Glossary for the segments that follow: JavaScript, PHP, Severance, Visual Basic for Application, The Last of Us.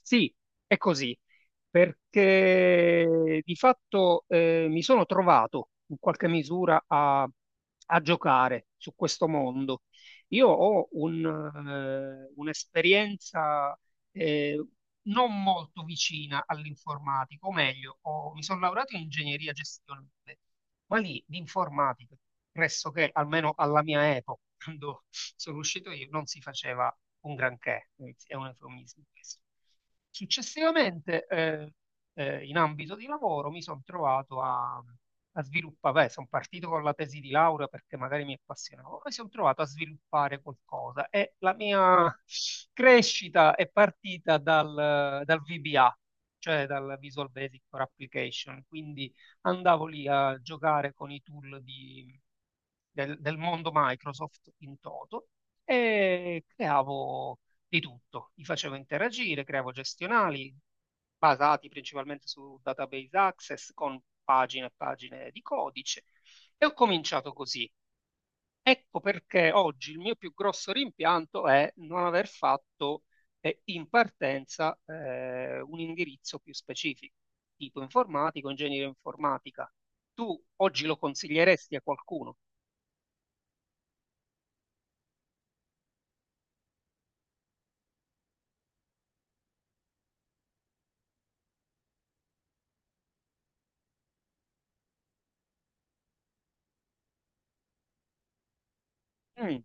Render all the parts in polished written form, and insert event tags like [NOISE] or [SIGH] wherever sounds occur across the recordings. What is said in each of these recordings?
Sì, è così, perché di fatto mi sono trovato in qualche misura a, a giocare su questo mondo. Io ho un, un'esperienza eh, non molto vicina all'informatico, o meglio, mi sono laureato in ingegneria gestionale quelli di informatica, pressoché, almeno alla mia epoca, [LAUGHS] quando sono uscito io, non si faceva un granché, è un eufemismo questo. Successivamente, in ambito di lavoro, mi sono trovato a, a sviluppare, sono partito con la tesi di laurea perché magari mi appassionavo, poi sono trovato a sviluppare qualcosa e la mia crescita è partita dal VBA, cioè dal Visual Basic for Application, quindi andavo lì a giocare con i del, del mondo Microsoft in toto e creavo di tutto. Li facevo interagire, creavo gestionali basati principalmente su database access con pagine e pagine di codice e ho cominciato così. Ecco perché oggi il mio più grosso rimpianto è non aver fatto in partenza un indirizzo più specifico, tipo informatico, ingegneria informatica. Tu oggi lo consiglieresti a qualcuno? Mm,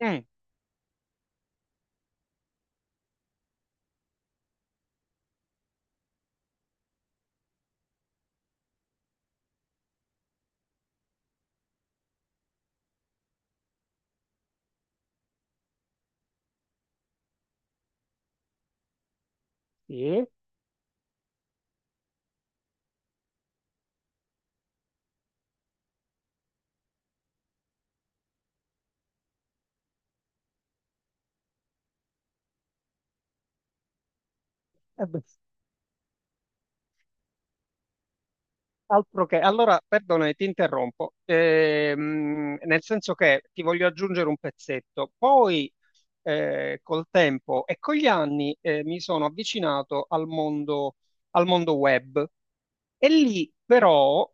mm, sì. Eh beh, altro che. Allora, perdona, ti interrompo, nel senso che ti voglio aggiungere un pezzetto. Poi col tempo e con gli anni mi sono avvicinato al mondo web. E lì però,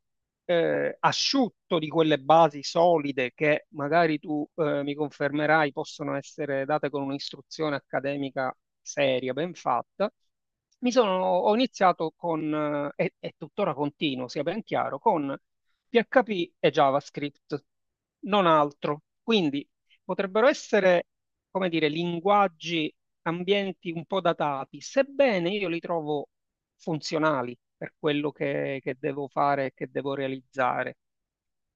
asciutto di quelle basi solide che magari tu mi confermerai possono essere date con un'istruzione accademica seria, ben fatta, ho iniziato con, e tuttora continuo, sia ben chiaro, con PHP e JavaScript, non altro. Quindi potrebbero essere, come dire, linguaggi, ambienti un po' datati, sebbene io li trovo funzionali per quello che devo fare e che devo realizzare.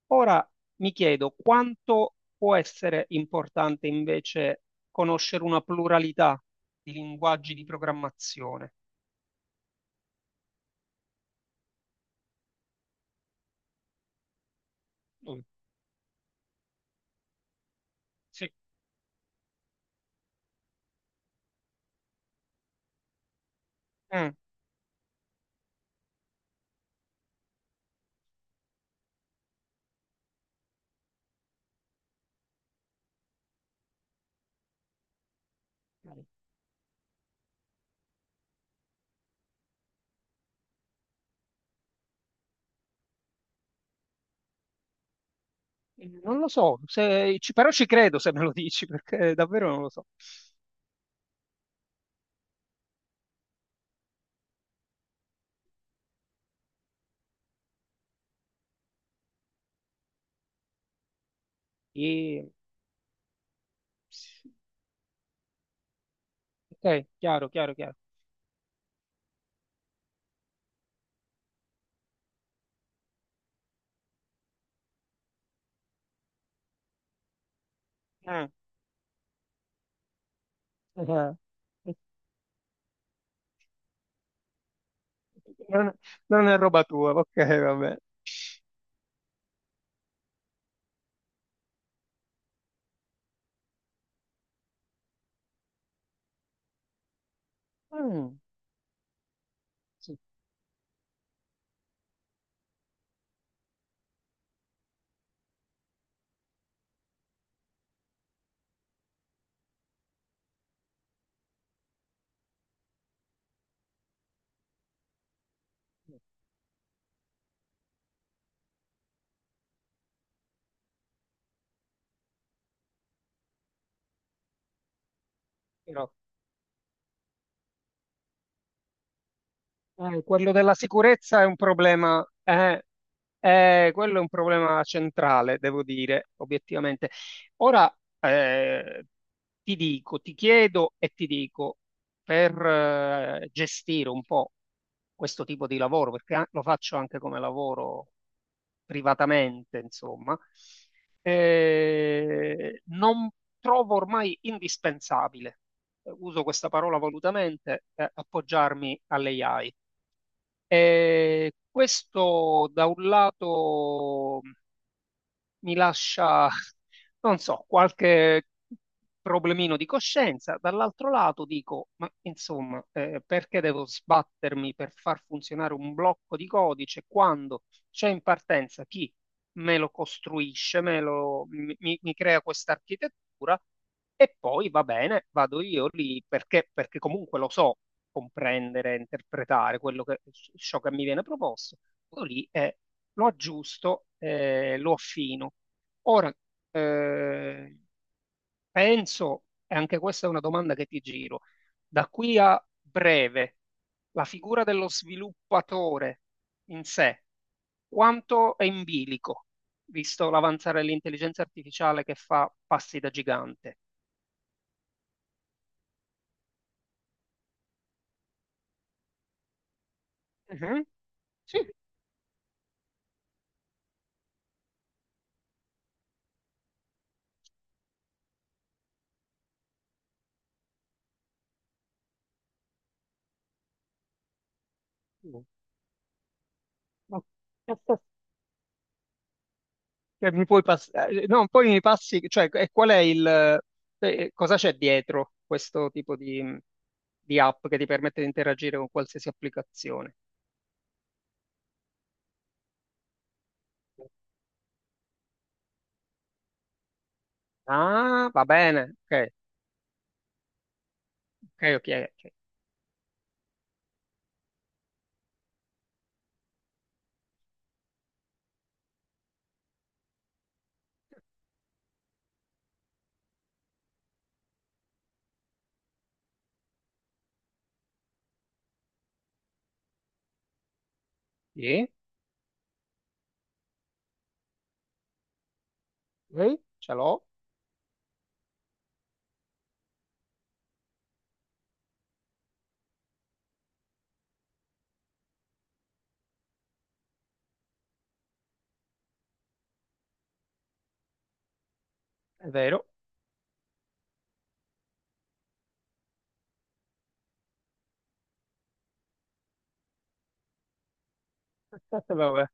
Ora mi chiedo quanto può essere importante invece conoscere una pluralità di linguaggi di programmazione. Mm. Sì. Mm. Non lo so, però ci credo se me lo dici, [LAUGHS] perché davvero non lo so. E- Ok, chiaro, chiaro, chiaro. Mm. [LAUGHS] Non, non è roba tua, ok, vabbè. Mm, sì, sì. Quello della sicurezza è un problema, quello è un problema centrale, devo dire, obiettivamente. Ora, eh, ti dico, ti chiedo e ti dico, per gestire un po' questo tipo di lavoro, perché lo faccio anche come lavoro privatamente, insomma, non trovo ormai indispensabile, uso questa parola volutamente, appoggiarmi alle AI. E questo da un lato mi lascia, non so, qualche problemino di coscienza. Dall'altro lato dico, ma insomma, perché devo sbattermi per far funzionare un blocco di codice quando c'è in partenza chi me lo costruisce, me lo, mi- mi crea questa architettura e poi va bene, vado io lì perché, perché comunque lo so comprendere, interpretare quello che, ciò che mi viene proposto. Vado lì e lo aggiusto, lo affino. Ora, eh, penso, e anche questa è una domanda che ti giro, da qui a breve, la figura dello sviluppatore in sé, quanto è in bilico, visto l'avanzare dell'intelligenza artificiale che fa passi da gigante? Mhm. Sì. No. Cioè, no, poi mi passi, cioè, e qual è il, cosa c'è dietro questo tipo di app che ti permette di interagire con qualsiasi applicazione? Ah, va bene, ok, ok, ok, ok. Sì, ok, ce l'ho, è vero. Aspetta, vabbè.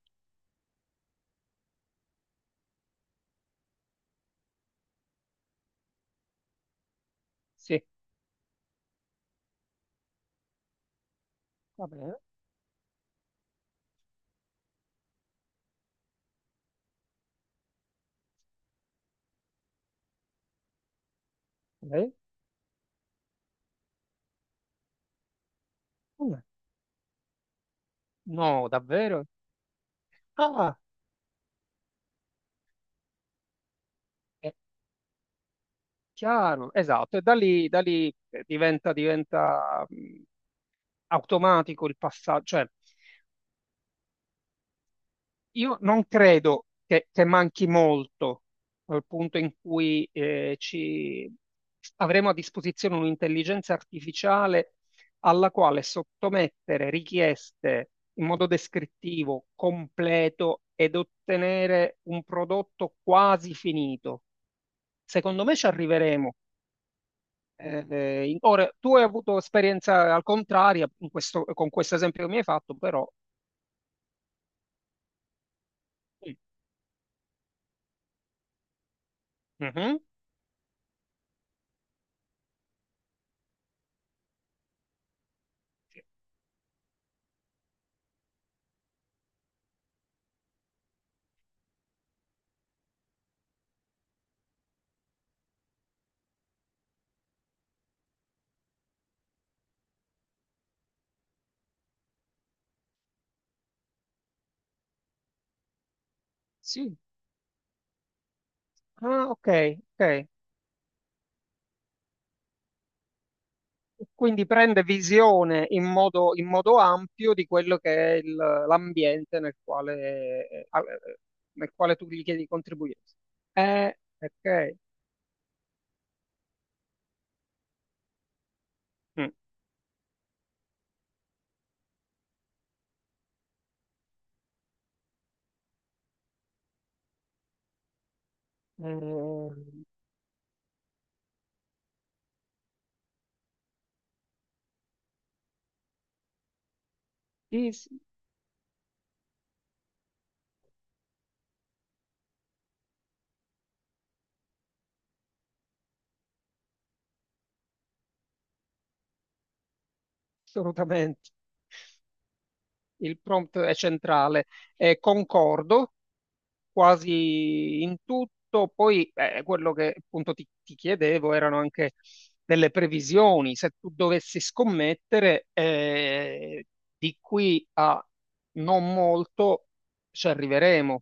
Sì, va bene, ok. Come? No, davvero? Ah, è chiaro, esatto, e da lì diventa, diventa automatico il passaggio, cioè io non credo che manchi molto al punto in cui ci avremo a disposizione un'intelligenza artificiale alla quale sottomettere richieste in modo descrittivo, completo ed ottenere un prodotto quasi finito. Secondo me ci arriveremo. In- ora, tu hai avuto esperienza al contrario in questo- con questo esempio che mi hai fatto, però... Sì. Mhm. Sì. Ah, ok, ok. Quindi prende visione in modo ampio di quello che è l'ambiente nel quale, nel quale tu gli chiedi di contribuire. Ok. Mm. Ehm, sì, sì, assolutamente. Il prompt è centrale. Concordo, quasi in tutto. Poi quello che appunto ti, ti chiedevo erano anche delle previsioni. Se tu dovessi scommettere di qui a non molto ci arriveremo.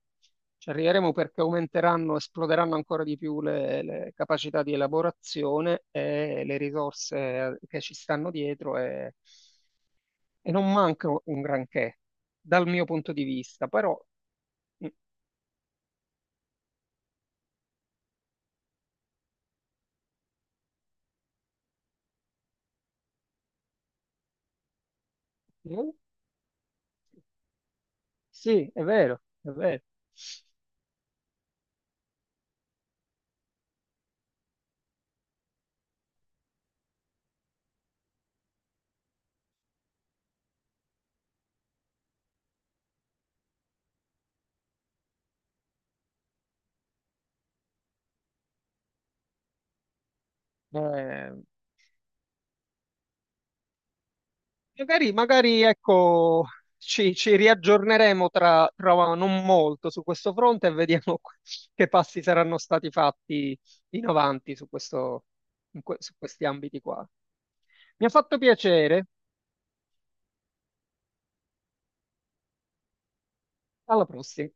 Ci arriveremo perché aumenteranno, esploderanno ancora di più le capacità di elaborazione e le risorse che ci stanno dietro e non manca un granché dal mio punto di vista, però mm, sì, è vero, è vero. Eh, magari, magari, ecco, ci, ci riaggiorneremo tra, tra non molto su questo fronte e vediamo [LAUGHS] che passi saranno stati fatti in avanti su questo, su questi ambiti qua. Mi ha fatto piacere. Alla prossima.